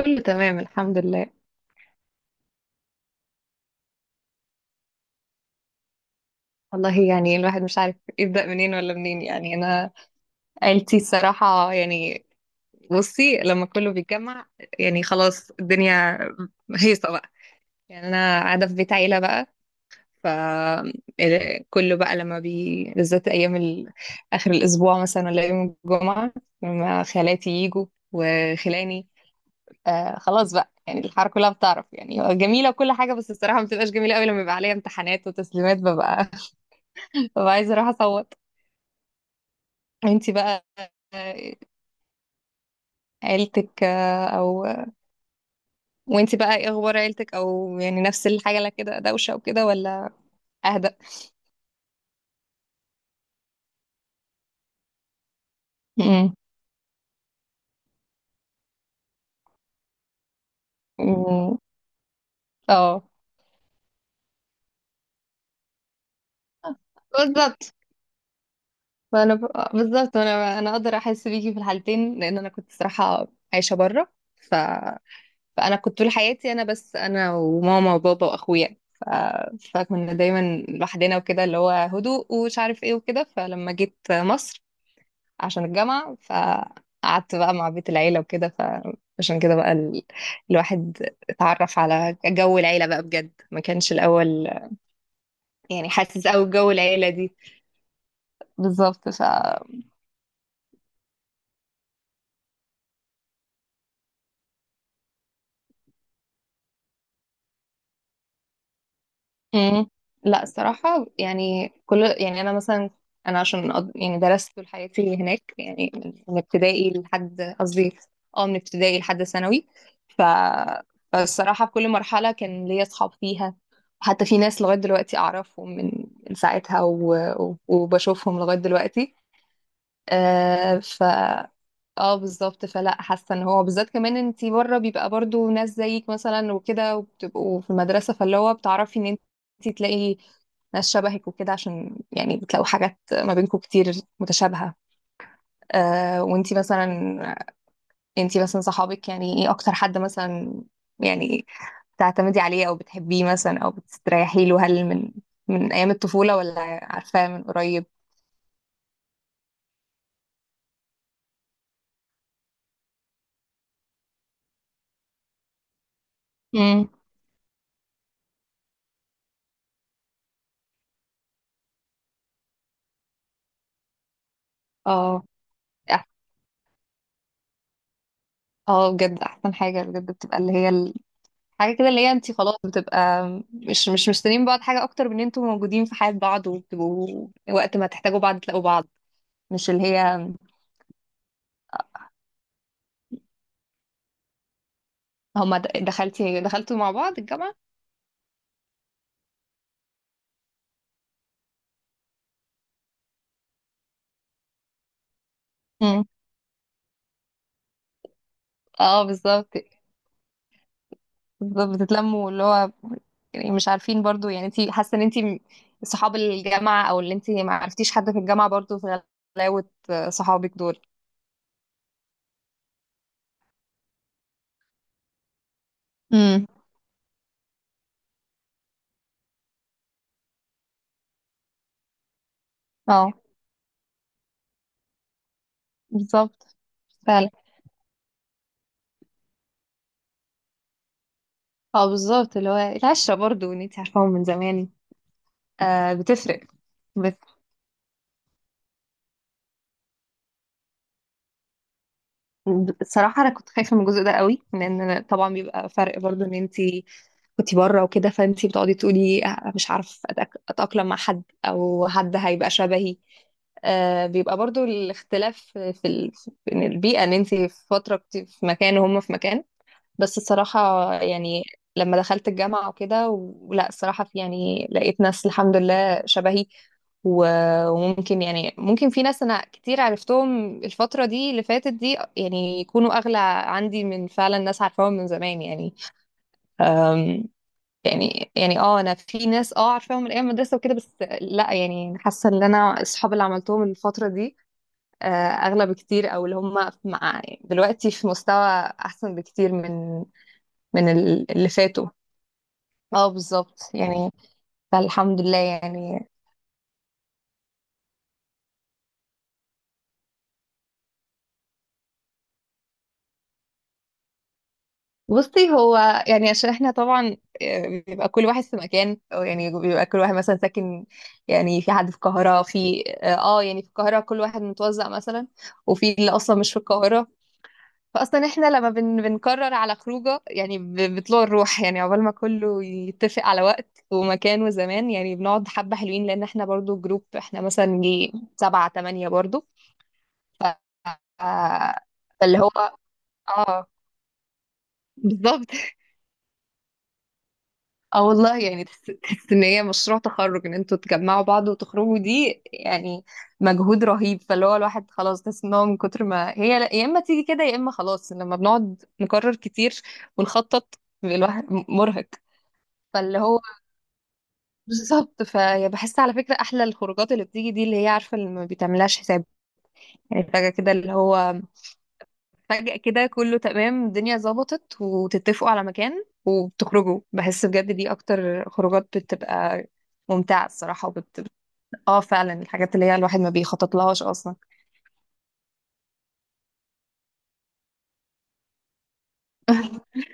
كله تمام الحمد لله. والله يعني الواحد مش عارف يبدأ منين ولا منين. يعني أنا عيلتي الصراحة يعني بصي لما كله بيتجمع يعني خلاص الدنيا هيصة بقى. يعني أنا قاعدة في بيت عيلة بقى. ف كله بقى لما بالذات أيام آخر الأسبوع مثلا ولا يوم الجمعة، لما خالاتي يجوا وخلاني. آه خلاص بقى، يعني الحاره كلها بتعرف، يعني جميلة وكل حاجة، بس الصراحة ما بتبقاش جميلة قوي لما يبقى عليا امتحانات وتسليمات ببقى ببقى عايزة اروح اصوت. انتي بقى آه، عيلتك آه، او وانتي بقى ايه اخبار عيلتك؟ او يعني نفس الحاجة؟ لا كده دوشة وكده ولا اهدى؟ مم. مم. اه بالظبط. بالظبط انا اقدر احس بيكي في الحالتين، لان انا كنت صراحة عايشة بره. فانا كنت طول حياتي انا بس انا وماما وبابا واخويا. فكنا دايما لوحدنا وكده، اللي هو هدوء ومش عارف ايه وكده، فلما جيت مصر عشان الجامعة فقعدت بقى مع بيت العيلة وكده، فعشان كده بقى الواحد اتعرف على جو العيلة بقى بجد، ما كانش الأول يعني حاسس أوي بجو العيلة دي. بالظبط. مم. لا الصراحة يعني كل يعني أنا مثلا أنا عشان يعني درست طول حياتي هناك، يعني من ابتدائي لحد قصدي اه من ابتدائي لحد ثانوي ف... فالصراحة في كل مرحلة كان ليا أصحاب فيها، حتى في ناس لغاية دلوقتي أعرفهم من ساعتها وبشوفهم لغاية دلوقتي. آه، اه بالظبط. فلا حاسه ان هو بالذات كمان انتي بره بيبقى برضو ناس زيك مثلا وكده، وبتبقوا في المدرسه، فاللي هو بتعرفي ان انتي تلاقي ناس شبهك وكده، عشان يعني بتلاقوا حاجات ما بينكم كتير متشابهه. آه، وانتي مثلا انتي مثلا صحابك يعني ايه؟ اكتر حد مثلا يعني بتعتمدي عليه او بتحبيه مثلا او بتستريحي له، هل من من ايام الطفوله ولا عارفاه من قريب؟ امم، اه. أح- اه بجد احسن حاجه بجد بتبقى اللي هي حاجة كده، اللي هي انتي خلاص بتبقى مش مستنيين بعض حاجة أكتر من ان انتوا موجودين في حياة بعض، وبتبقوا وقت ما تحتاجوا بعض تلاقوا بعض. مش اللي هي هما دخلتي دخلتوا مع بعض الجامعة؟ مم. اه بالظبط. بالظبط، بتتلموا اللي هو يعني مش عارفين برضو. يعني انتي حاسة ان انتي صحاب الجامعة، او اللي انتي ما عرفتيش حد في الجامعة برضو في غلاوة صحابك دول؟ مم. اه بالظبط فعلا. اه بالظبط، اللي هو العشرة برضو ان انتي عارفاهم من زمان. آه بتفرق. بس الصراحة أنا كنت خايفة من الجزء ده قوي، لأن أنا طبعا بيبقى فرق برضو إن أنتي كنتي بره وكده، فأنتي بتقعدي تقولي آه، مش عارف أتأقلم مع حد، أو حد هيبقى شبهي. آه، بيبقى برضو الاختلاف في في إن البيئة، إن أنتي في فترة كنتي في مكان وهم في مكان. بس الصراحة يعني لما دخلت الجامعة وكده ولا الصراحة في يعني لقيت ناس الحمد لله شبهي، وممكن يعني ممكن في ناس أنا كتير عرفتهم الفترة دي اللي فاتت دي، يعني يكونوا أغلى عندي من فعلا ناس عارفاهم من زمان يعني. أم، يعني اه انا في ناس اه عارفاهم من ايام المدرسه وكده، بس لا يعني حاسه ان انا الصحاب اللي عملتهم الفتره دي آه، اغلى بكتير، او اللي هم مع دلوقتي في مستوى احسن بكتير من من اللي فاتوا. اه بالظبط يعني. فالحمد لله يعني. بصي هو يعني عشان احنا طبعا آه، بيبقى كل واحد في مكان، أو يعني بيبقى كل واحد مثلا ساكن، يعني في حد في القاهرة، في اه آه، يعني في القاهرة كل واحد متوزع مثلا، وفي اللي اصلا مش في القاهرة. فاصلا احنا لما بنقرر على خروجه يعني بطلوع الروح، يعني عقبال ما كله يتفق على وقت ومكان وزمان، يعني بنقعد حبة حلوين، لان احنا برضو جروب، احنا مثلا جي سبعة تمانية برضو. ف آه، فاللي هو اه بالظبط. اه والله يعني، تحس ان هي مشروع تخرج ان انتوا تجمعوا بعض وتخرجوا دي، يعني مجهود رهيب، فاللي هو الواحد خلاص تحس ان هو من كتر ما هي يا اما تيجي كده يا اما خلاص، لما بنقعد نكرر كتير ونخطط الواحد مرهق. فاللي هو بالظبط، فبحس على فكرة احلى الخروجات اللي بتيجي دي، اللي هي عارفة اللي ما بتعملهاش حساب، يعني فجأة كده اللي هو فجأة كده كله تمام، الدنيا ظبطت وتتفقوا على مكان وبتخرجوا، بحس بجد دي أكتر خروجات بتبقى ممتعة الصراحة اه فعلا الحاجات اللي هي الواحد ما بيخطط لهاش أصلا.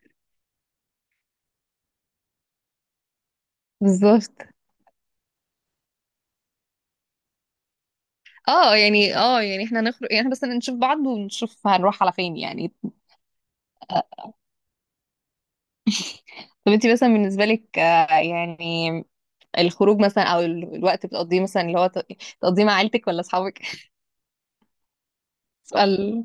بالظبط. اه يعني اه يعني احنا هنخرج، يعني احنا بس نشوف بعض ونشوف هنروح على فين يعني. آه، طب انت مثلا بالنسبة لك آه، يعني الخروج مثلا او الوقت بتقضيه مثلا اللي هو تقضيه مع عيلتك ولا اصحابك؟ سؤال.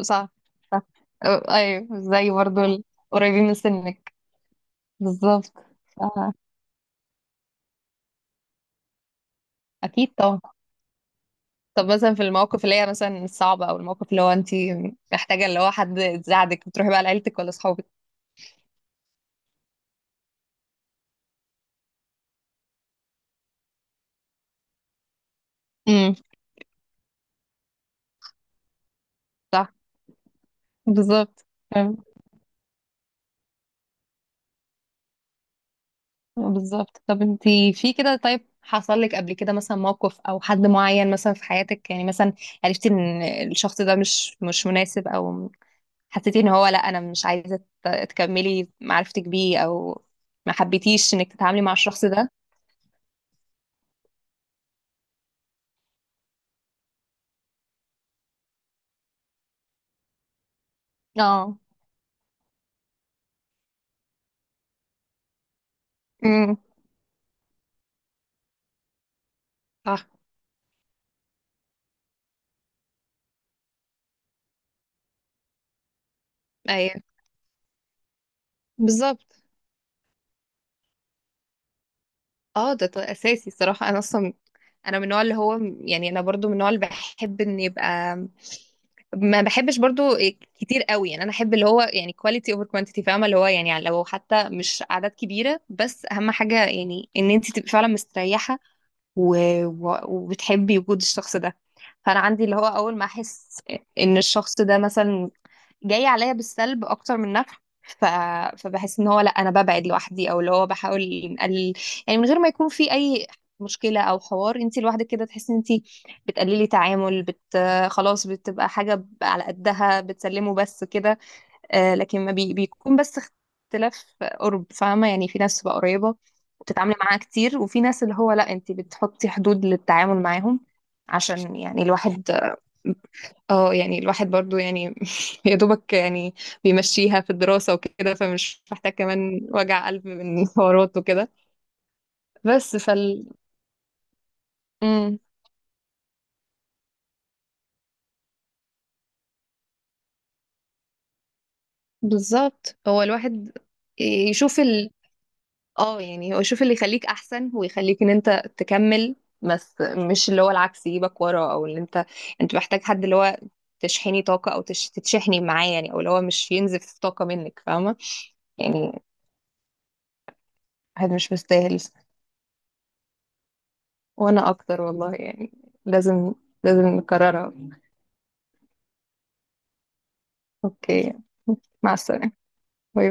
صح صح. أه، ايوه زي برضو قريبين من سنك. بالظبط. آه. اكيد طبعا. طب مثلا في المواقف اللي هي مثلا الصعبة، او الموقف اللي هو انت محتاجة اللي هو حد يساعدك، بتروحي بقى لعيلتك ولا اصحابك؟ امم، صح. بالظبط. أم، بالظبط. طب انت في كده، طيب حصل لك قبل كده مثلا موقف او حد معين مثلا في حياتك، يعني مثلا عرفتي ان الشخص ده مش مناسب، او حسيتي ان هو لا انا مش عايزه تكملي معرفتك بيه، او ما حبيتيش انك تتعاملي مع الشخص ده؟ اه، امم، صح، ايوه بالظبط. اه ده اساسي الصراحه. انا اصلا انا من النوع اللي هو يعني انا برضو من النوع اللي بحب ان يبقى ما بحبش برضو إيه، كتير قوي، يعني انا احب اللي هو يعني كواليتي اوفر كوانتيتي، فاهمه اللي هو يعني لو حتى مش اعداد كبيره، بس اهم حاجه يعني ان انت تبقي فعلا مستريحه و... وبتحبي وجود الشخص ده. فانا عندي اللي هو اول ما احس ان الشخص ده مثلا جاي عليا بالسلب اكتر من نفع ف... فبحس ان هو لا انا ببعد لوحدي، او اللي هو بحاول نقلل يعني من غير ما يكون في اي مشكله او حوار، انت لوحدك كده تحسي ان انت بتقللي تعامل خلاص بتبقى حاجه على قدها، بتسلمه بس كده. آه، لكن ما بيكون بس اختلاف قرب، فاهمة يعني؟ في ناس تبقى قريبة وتتعاملي معاها كتير، وفي ناس اللي هو لا انت بتحطي حدود للتعامل معاهم، عشان يعني الواحد اه يعني الواحد برضو يعني يا دوبك يعني بيمشيها في الدراسة وكده، فمش محتاج كمان وجع قلب من حوارات وكده. بس فال مم، بالظبط. هو الواحد يشوف، اه يعني هو شوف اللي يخليك احسن ويخليك ان انت تكمل بس، مش اللي هو العكس يجيبك ورا. او اللي انت انت محتاج حد اللي هو تشحني طاقة او تتشحني معاه يعني، او اللي هو مش ينزف طاقة منك، فاهمة يعني؟ واحد مش مستاهل. وانا اكتر والله يعني، لازم لازم نكررها. اوكي، مع السلامة، باي.